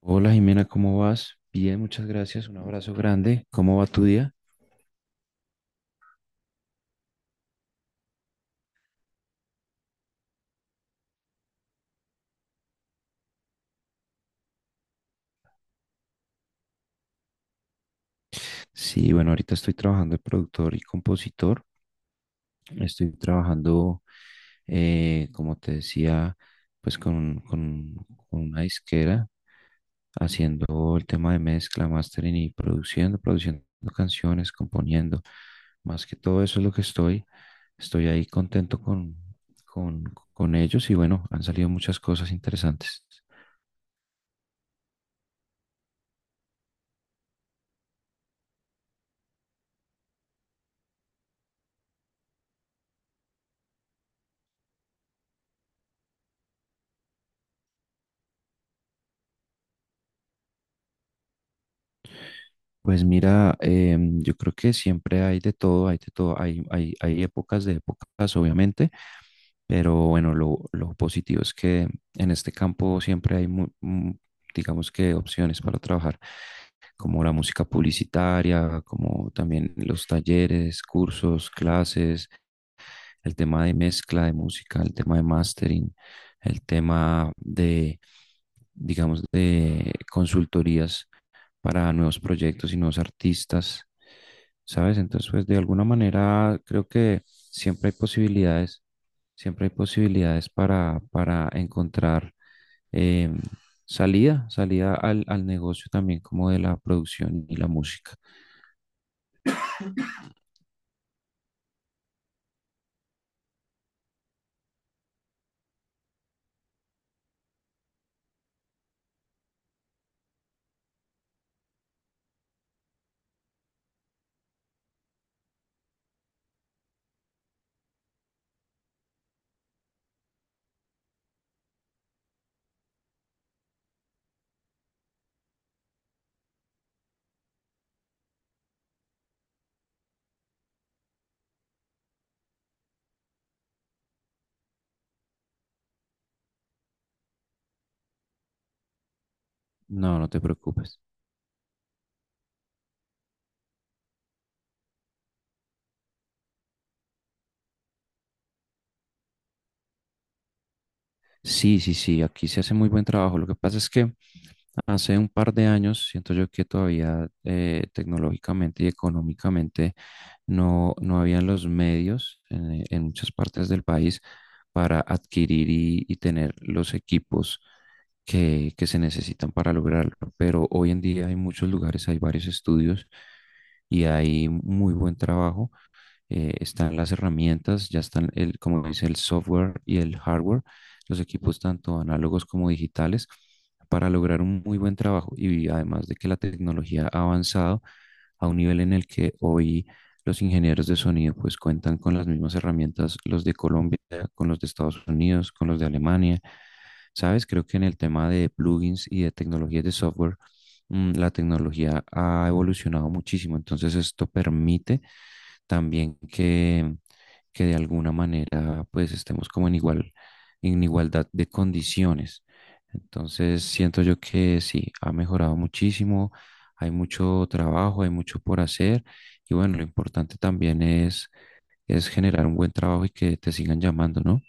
Hola Jimena, ¿cómo vas? Bien, muchas gracias, un abrazo grande. ¿Cómo va tu día? Sí, bueno, ahorita estoy trabajando de productor y compositor. Estoy trabajando, como te decía, pues con una disquera, haciendo el tema de mezcla, mastering y produciendo canciones, componiendo. Más que todo eso es lo que estoy. Estoy ahí contento con, con ellos y bueno, han salido muchas cosas interesantes. Pues mira, yo creo que siempre hay de todo, hay de todo, hay épocas de épocas, obviamente, pero bueno, lo positivo es que en este campo siempre hay, digamos que, opciones para trabajar, como la música publicitaria, como también los talleres, cursos, clases, el tema de mezcla de música, el tema de mastering, el tema de, digamos, de consultorías para nuevos proyectos y nuevos artistas, ¿sabes? Entonces, pues de alguna manera creo que siempre hay posibilidades para encontrar eh, salida, salida al negocio también como de la producción y la música. No, no te preocupes. Sí, sí, sí, aquí se hace muy buen trabajo. Lo que pasa es que hace un par de años siento yo que todavía, tecnológicamente y económicamente, no habían los medios en muchas partes del país para adquirir y tener los equipos que se necesitan para lograrlo. Pero hoy en día hay muchos lugares, hay varios estudios y hay muy buen trabajo. Están las herramientas, ya están, el, como dice, el software y el hardware, los equipos tanto análogos como digitales, para lograr un muy buen trabajo. Y además de que la tecnología ha avanzado a un nivel en el que hoy los ingenieros de sonido pues cuentan con las mismas herramientas, los de Colombia, con los de Estados Unidos, con los de Alemania. Sabes, creo que en el tema de plugins y de tecnologías de software, la tecnología ha evolucionado muchísimo. Entonces esto permite también que de alguna manera pues estemos como en igualdad de condiciones. Entonces siento yo que sí, ha mejorado muchísimo, hay mucho trabajo, hay mucho por hacer y bueno, lo importante también es generar un buen trabajo y que te sigan llamando, ¿no?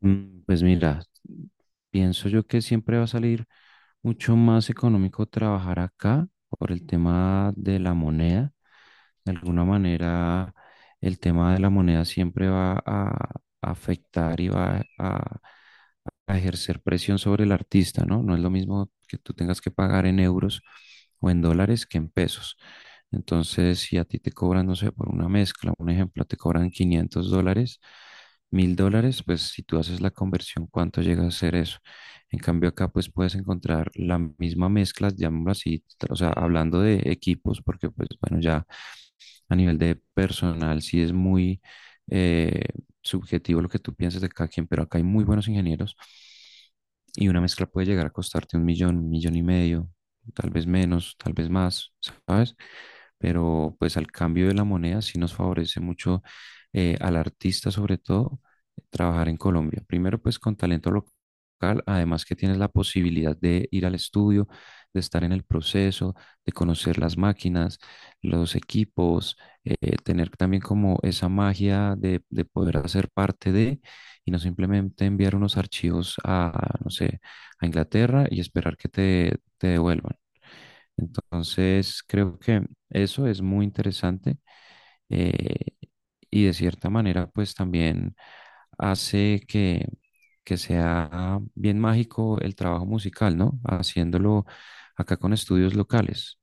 Pues mira, pienso yo que siempre va a salir mucho más económico trabajar acá por el tema de la moneda. De alguna manera, el tema de la moneda siempre va a afectar y va a ejercer presión sobre el artista, ¿no? No es lo mismo que tú tengas que pagar en euros o en dólares que en pesos. Entonces, si a ti te cobran, no sé, por una mezcla, un ejemplo, te cobran $500, $1.000, pues si tú haces la conversión, ¿cuánto llega a ser eso? En cambio, acá pues puedes encontrar la misma mezcla, llamémoslo así, o sea, hablando de equipos, porque pues bueno, ya a nivel de personal, sí es muy, eh, subjetivo lo que tú piensas de cada quien, pero acá hay muy buenos ingenieros y una mezcla puede llegar a costarte un millón y medio, tal vez menos, tal vez más, ¿sabes? Pero pues al cambio de la moneda sí nos favorece mucho, al artista sobre todo trabajar en Colombia. Primero pues con talento local, además que tienes la posibilidad de ir al estudio, de estar en el proceso, de conocer las máquinas, los equipos, tener también como esa magia de poder hacer parte de y no simplemente enviar unos archivos a, no sé, a Inglaterra y esperar que te devuelvan. Entonces, creo que eso es muy interesante, eh, y de cierta manera, pues también hace que sea bien mágico el trabajo musical, ¿no? Haciéndolo acá con estudios locales.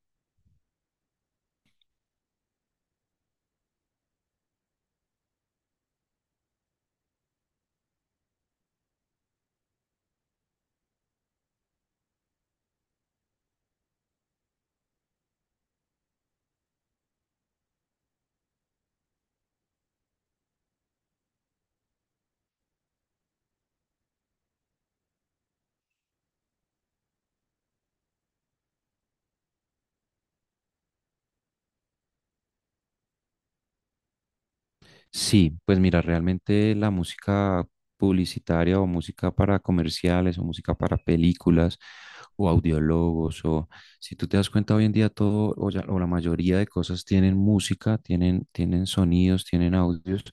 Sí, pues mira, realmente la música publicitaria o música para comerciales o música para películas o audiólogos o, si tú te das cuenta, hoy en día o la mayoría de cosas tienen música, tienen sonidos, tienen audios,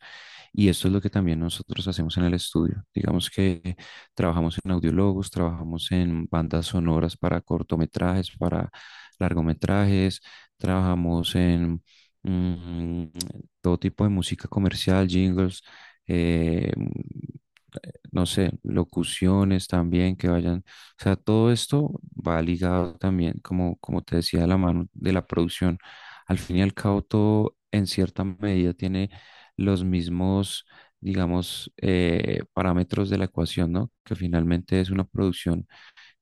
y esto es lo que también nosotros hacemos en el estudio. Digamos que trabajamos en audiólogos, trabajamos en bandas sonoras para cortometrajes, para largometrajes, trabajamos en... mm, todo tipo de música comercial, jingles, eh, no sé, locuciones también que vayan, o sea, todo esto va ligado también, como te decía, de la mano de la producción. Al fin y al cabo, todo en cierta medida tiene los mismos, digamos, parámetros de la ecuación, ¿no? Que finalmente es una producción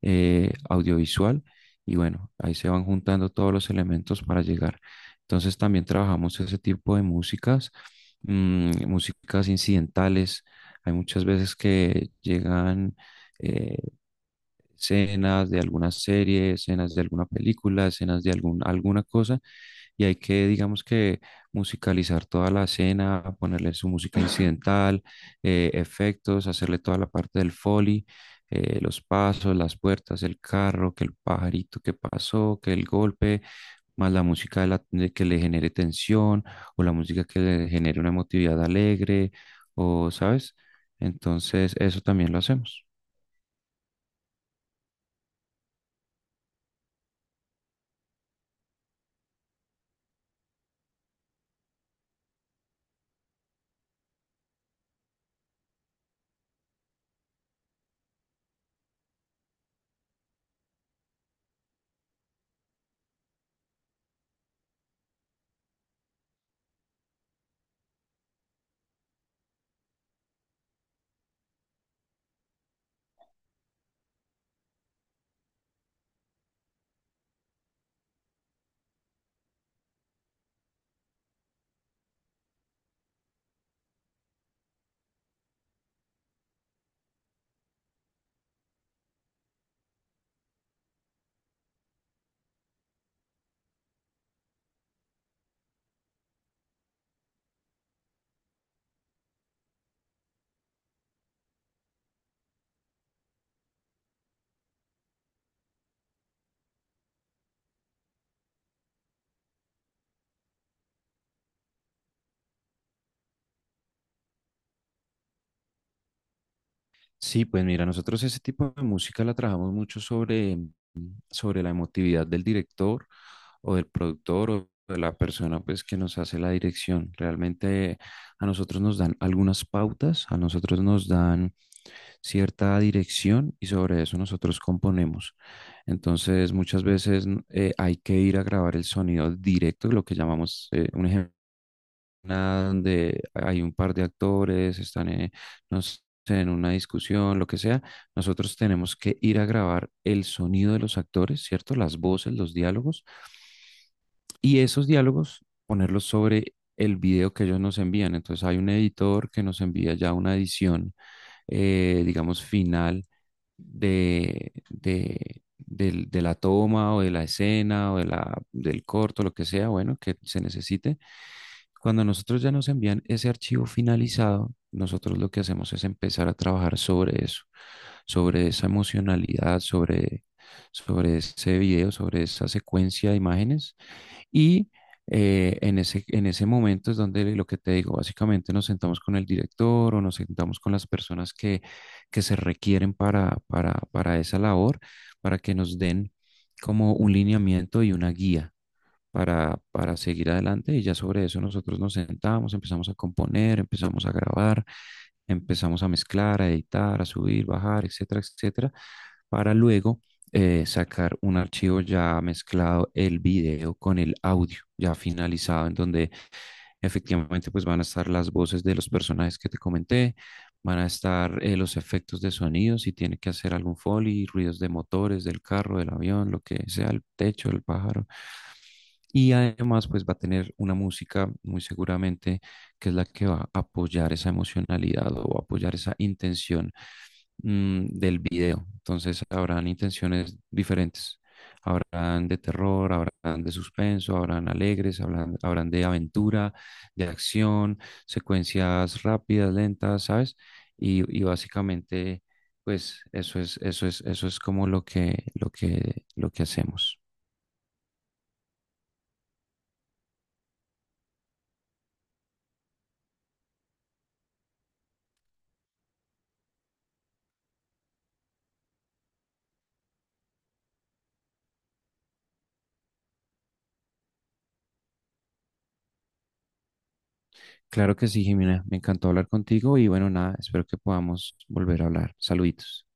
audiovisual, y bueno, ahí se van juntando todos los elementos para llegar. Entonces también trabajamos ese tipo de músicas, músicas incidentales. Hay muchas veces que llegan eh, escenas de alguna serie, escenas de alguna película, escenas de alguna cosa, y hay que, digamos que, musicalizar toda la escena, ponerle su música incidental, efectos, hacerle toda la parte del foley, los pasos, las puertas, el carro, que el pajarito que pasó, que el golpe, más la música de que le genere tensión o la música que le genere una emotividad alegre, o, ¿sabes? Entonces, eso también lo hacemos. Sí, pues mira, nosotros ese tipo de música la trabajamos mucho sobre la emotividad del director o del productor o de la persona pues que nos hace la dirección. Realmente a nosotros nos dan algunas pautas, a nosotros nos dan cierta dirección y sobre eso nosotros componemos. Entonces muchas veces hay que ir a grabar el sonido directo, lo que llamamos, un ejemplo, una donde hay un par de actores, están en, no sé, en una discusión, lo que sea, nosotros tenemos que ir a grabar el sonido de los actores, ¿cierto? Las voces, los diálogos, y esos diálogos ponerlos sobre el video que ellos nos envían. Entonces hay un editor que nos envía ya una edición, digamos, final de la toma o de la escena o del corto, lo que sea, bueno, que se necesite. Cuando nosotros ya nos envían ese archivo finalizado, nosotros lo que hacemos es empezar a trabajar sobre eso, sobre esa emocionalidad, sobre ese video, sobre esa secuencia de imágenes. Y, en ese momento es donde lo que te digo, básicamente nos sentamos con el director o nos sentamos con las personas que se requieren para esa labor, para que nos den como un lineamiento y una guía para seguir adelante, y ya sobre eso nosotros nos sentamos, empezamos a componer, empezamos a grabar, empezamos a mezclar, a editar, a subir, bajar, etcétera, etcétera, para luego, sacar un archivo ya mezclado el video con el audio ya finalizado, en donde efectivamente pues van a estar las voces de los personajes que te comenté. Van a estar, los efectos de sonido, si tiene que hacer algún foley, ruidos de motores, del carro, del avión, lo que sea, el techo, el pájaro, y además, pues va a tener una música muy seguramente que es la que va a apoyar esa emocionalidad o apoyar esa intención del video. Entonces, habrán intenciones diferentes. Habrán de terror, habrán de suspenso, habrán alegres, habrán de aventura, de acción, secuencias rápidas, lentas, ¿sabes? Y básicamente, pues eso es como lo que hacemos. Claro que sí, Jimena. Me encantó hablar contigo y bueno, nada, espero que podamos volver a hablar. Saluditos.